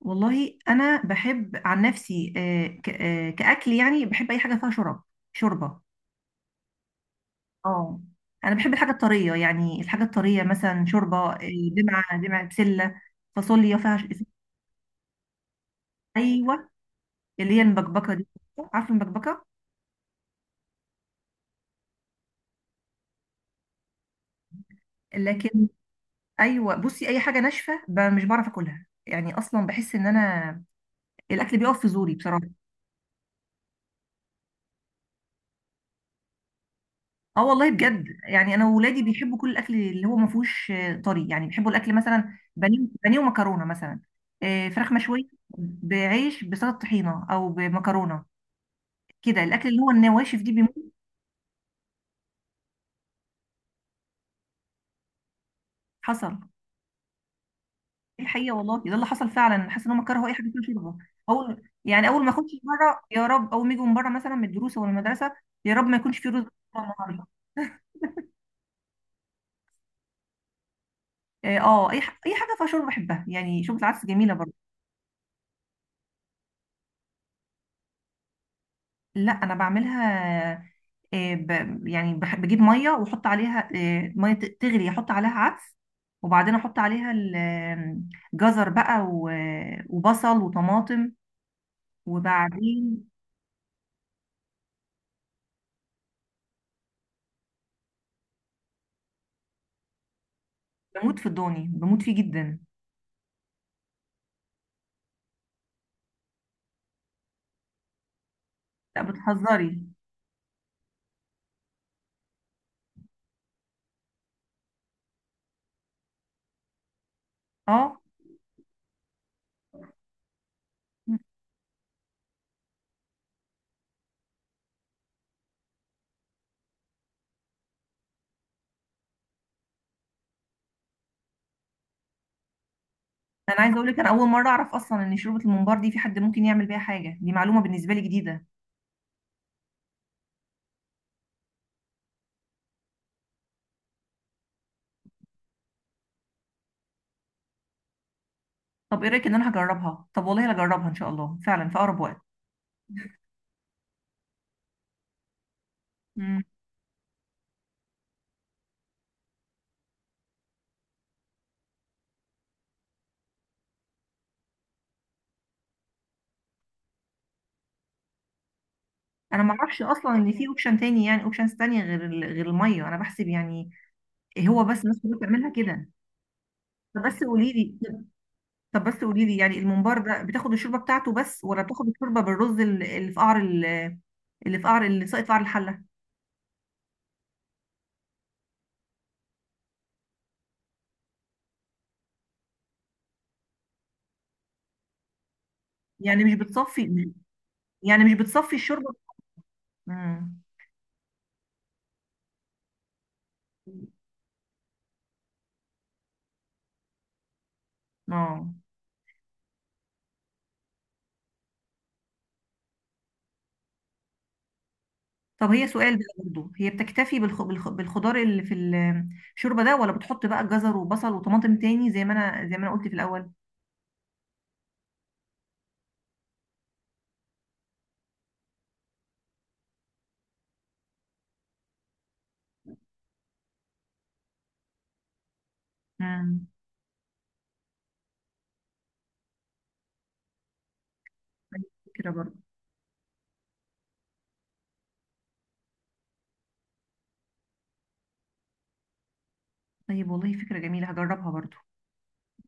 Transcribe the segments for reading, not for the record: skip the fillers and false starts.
والله انا بحب عن نفسي، كاكل، يعني بحب اي حاجه فيها شرب شوربه. اه انا بحب الحاجه الطريه، يعني الحاجه الطريه مثلا شوربه، دمعه دمعه، بسله، فاصوليا فيها ايوه اللي هي المبكبكه دي، عارفه المبكبكه؟ لكن ايوه، بصي اي حاجه ناشفه مش بعرف اكلها يعني، اصلا بحس ان انا الاكل بيقف في زوري بصراحه. اه والله بجد، يعني انا وولادي بيحبوا كل الاكل اللي هو ما فيهوش طري، يعني بيحبوا الاكل مثلا بانيه، بانيه ومكرونه مثلا، فراخ مشويه، بعيش بسلطه طحينه او بمكرونه كده. الاكل اللي هو النواشف دي بيموت. حصل، دي الحقيقه والله، ده اللي حصل فعلا. حاسه ان هم كرهوا اي حاجه فيها شوربه. اول ما اخش بره، يا رب اول ما يجوا من بره مثلا من الدروس او المدرسه، يا رب ما يكونش في رز النهارده. اه، اي حاجه فيها شوربه بحبها يعني، شوربه العدس جميله برضه. لا انا بعملها، يعني بجيب ميه واحط عليها، ميه تغلي، احط عليها عدس، وبعدين احط عليها جزر بقى وبصل وطماطم، وبعدين بموت في الضاني، بموت فيه جدا. لا بتهزري. اه انا عايزه اقول لك، انا اول مره اعرف اصلا ان شوربه الممبار دي في حد ممكن يعمل بيها حاجه، دي معلومه بالنسبه لي جديده. طب ايه رايك ان انا هجربها؟ طب والله هجربها ان شاء الله فعلا في اقرب وقت. مم. انا ما اعرفش اصلا ان في اوبشن تاني، يعني اوبشنز تانية غير غير الميه، انا بحسب يعني هو بس الناس كلها بتعملها كده. طب بس قولي لي طب بس قولي لي، يعني الممبار ده بتاخد الشوربه بتاعته بس، ولا بتاخد الشوربه بالرز، اللي في قعر اللي في قعر، اللي ساقط في قعر الحله؟ يعني مش بتصفي، يعني مش بتصفي الشوربه؟ امم اه. طب هي سؤال بقى برضه، هي بتكتفي بالخضار اللي في الشوربه ده، ولا بتحط بقى جزر وبصل وطماطم تاني زي ما انا قلت في الاول؟ امم فكره برضه. طيب والله فكره جميله، هجربها برضه،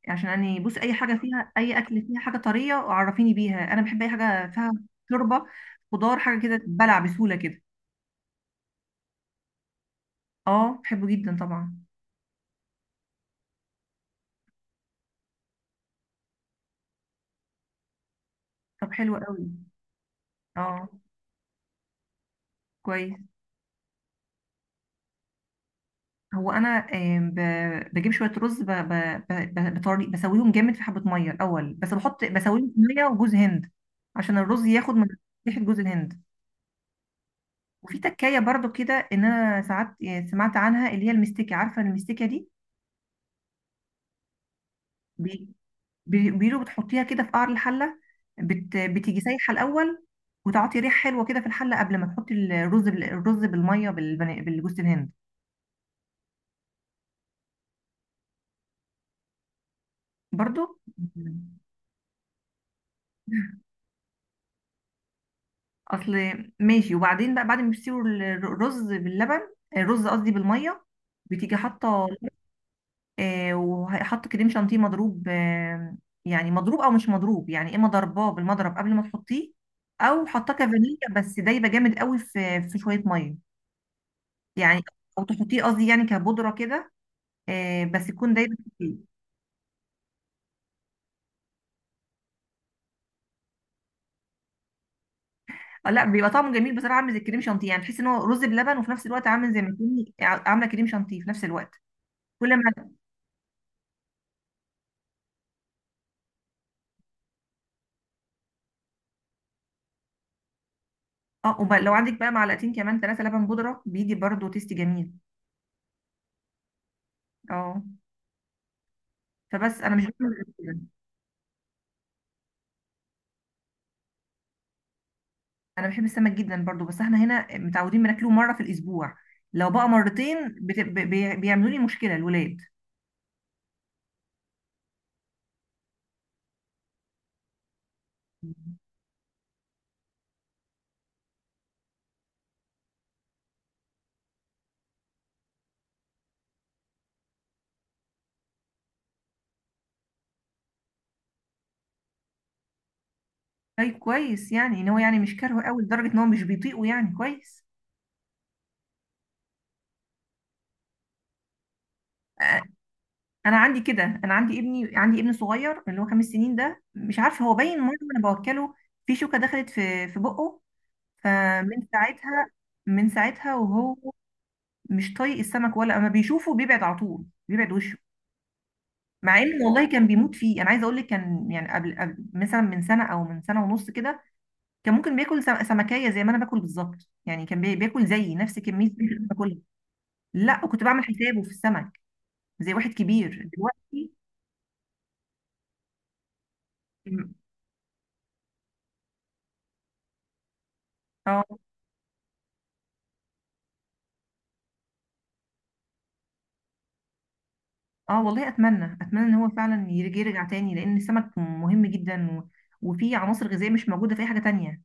عشان يعني بص، اي حاجه فيها، اي اكل فيها حاجه طريه عرفيني بيها، انا بحب اي حاجه فيها شوربه، خضار، حاجه كده بلع بسهوله كده. اه بحبه جدا طبعا. طب حلو قوي. اه كويس. هو انا بجيب شويه رز، بطري بسويهم جامد في حبه ميه الاول، بس بحط بسويهم في ميه وجوز هند، عشان الرز ياخد من ريحه جوز الهند. وفي تكايه برضو كده، ان انا ساعات سمعت عنها، اللي هي المستكه، عارفه المستكه دي؟ بيقولوا بتحطيها كده في قعر الحلة، بتيجي سايحة الأول، وتعطي ريحة حلوة كده في الحلة، قبل ما تحطي الرز الرز بالمية، بالجوز الهند برضو. مم. أصل ماشي، وبعدين بقى بعد ما بتسيبوا الرز باللبن، الرز قصدي بالمية، بتيجي حاطة، آه، وحاطة كريم شانتيه مضروب، آه يعني مضروب أو مش مضروب، يعني إما ضرباه بالمضرب قبل ما تحطيه، أو حاطاه كفانيليا بس دايبة جامد قوي في شوية مية يعني، او تحطيه قصدي يعني كبودره كده، بس يكون دايما فيه. لا بيبقى طعمه جميل بصراحه، عامل زي الكريم شانتيه، يعني تحس ان هو رز بلبن، وفي نفس الوقت عامل زي ما تكوني عامله كريم شانتيه في نفس الوقت. كل ما اه، وبقى لو عندك بقى معلقتين كمان 3 لبن بودره، بيدي برضو تيست جميل. اه، فبس انا مش بعمل غير كده. انا بحب السمك جدا برضو، بس احنا هنا متعودين بناكله مره في الاسبوع، لو بقى مرتين بيعملوا لي مشكله الولاد. طيب كويس، يعني ان هو يعني مش كارهه قوي لدرجه ان هو مش بيطيقه، يعني كويس. انا عندي كده، انا عندي ابني عندي ابن صغير اللي هو 5 سنين ده، مش عارفه هو باين مره انا بوكله، في شوكه دخلت في بقه، فمن ساعتها، من ساعتها وهو مش طايق السمك، ولا اما بيشوفه بيبعد على طول، بيبعد وشه، مع ان والله كان بيموت فيه. انا عايزه اقول لك، كان يعني قبل مثلا من سنه او من سنه ونص كده، كان ممكن بياكل سمكيه زي ما انا باكل بالظبط، يعني كان بياكل زيي نفس كميه اللي انا باكلها، لا وكنت بعمل حسابه في السمك زي واحد كبير دلوقتي. اه اه، والله اتمنى، اتمنى ان هو فعلا يرجع، يرجع تاني، لان السمك مهم جدا، و... وفيه عناصر غذائيه مش موجوده في اي حاجه تانية.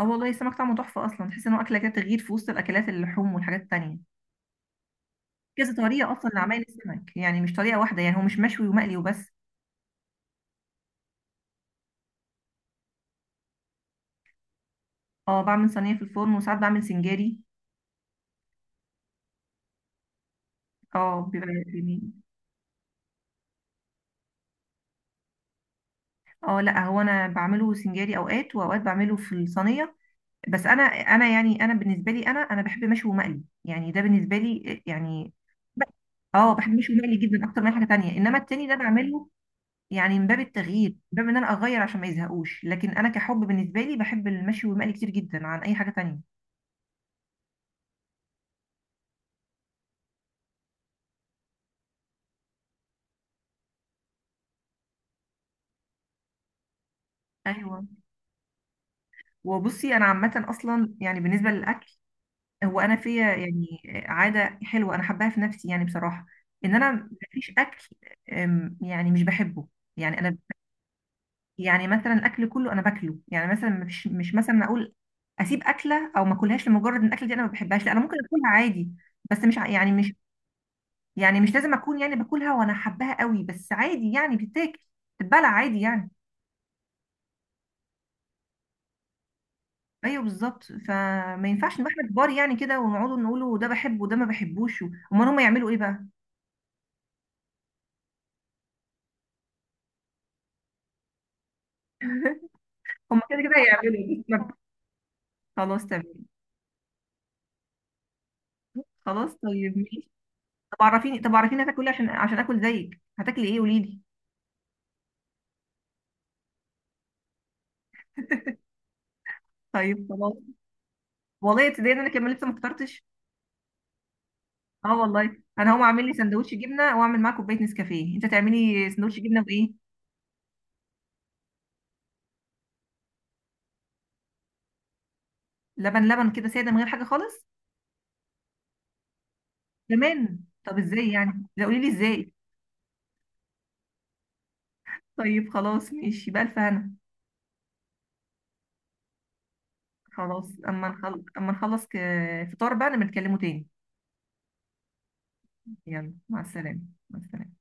اه والله السمك طعمه تحفه اصلا، تحس ان هو اكله كده تغيير في وسط الاكلات، اللحوم والحاجات التانية. كذا طريقه اصلا لعمايل السمك، يعني مش طريقه واحده، يعني هو مش مشوي ومقلي وبس. اه، بعمل صينيه في الفرن، وساعات بعمل سنجاري. اه بيبقى جميل. اه لا هو انا بعمله سنجاري اوقات، واوقات بعمله في الصينيه، بس انا يعني انا بالنسبه لي، انا بحب مشوي ومقلي، يعني ده بالنسبه لي يعني ب- اه، بحب مشوي ومقلي جدا اكتر من أي حاجه تانية، انما التاني ده بعمله يعني من باب التغيير، من باب ان انا اغير عشان ما يزهقوش، لكن انا كحب بالنسبه لي بحب المشوي والمقلي كتير جدا عن اي حاجه تانية. ايوه، وبصي انا عامه اصلا يعني بالنسبه للاكل، هو انا فيا يعني عاده حلوه انا حباها في نفسي يعني بصراحه، ان انا مفيش اكل، يعني مش بحبه. يعني انا، يعني مثلا الاكل كله انا باكله، يعني مثلا مش مش مثلا اقول اسيب اكله او ما اكلهاش لمجرد ان الاكله دي انا ما بحبهاش، لا انا ممكن اكلها عادي، بس مش ع- يعني مش، يعني مش لازم اكون يعني باكلها وانا حباها قوي، بس عادي يعني بتتاكل، بتتبلع عادي يعني. ايوه بالظبط، فما ينفعش نبقى احنا كبار يعني كده، ونقعدوا نقولوا ده بحبه وده ما بحبوش، امال هم يعملوا ايه بقى؟ هم كده كده هيعملوا خلاص تمام. خلاص طيب ماشي. طب عرفيني، طب عرفيني هتاكل ايه عشان عشان اكل زيك، هتاكلي ايه قولي لي؟ طيب خلاص. والله تصدقني انا كمان لسه ما فطرتش. اه والله انا هقوم اعمل لي سندوتش جبنه، واعمل معاه كوبايه نسكافيه، انت تعملي سندوتش جبنه بايه؟ لبن، لبن كده ساده من غير حاجه خالص؟ كمان؟ طب ازاي يعني؟ لا قولي لي ازاي. طيب خلاص ماشي، بألف هنا. خلاص اما نخلص، فطار بقى نبقى نتكلموا تاني. يلا مع السلامه. مع السلامه.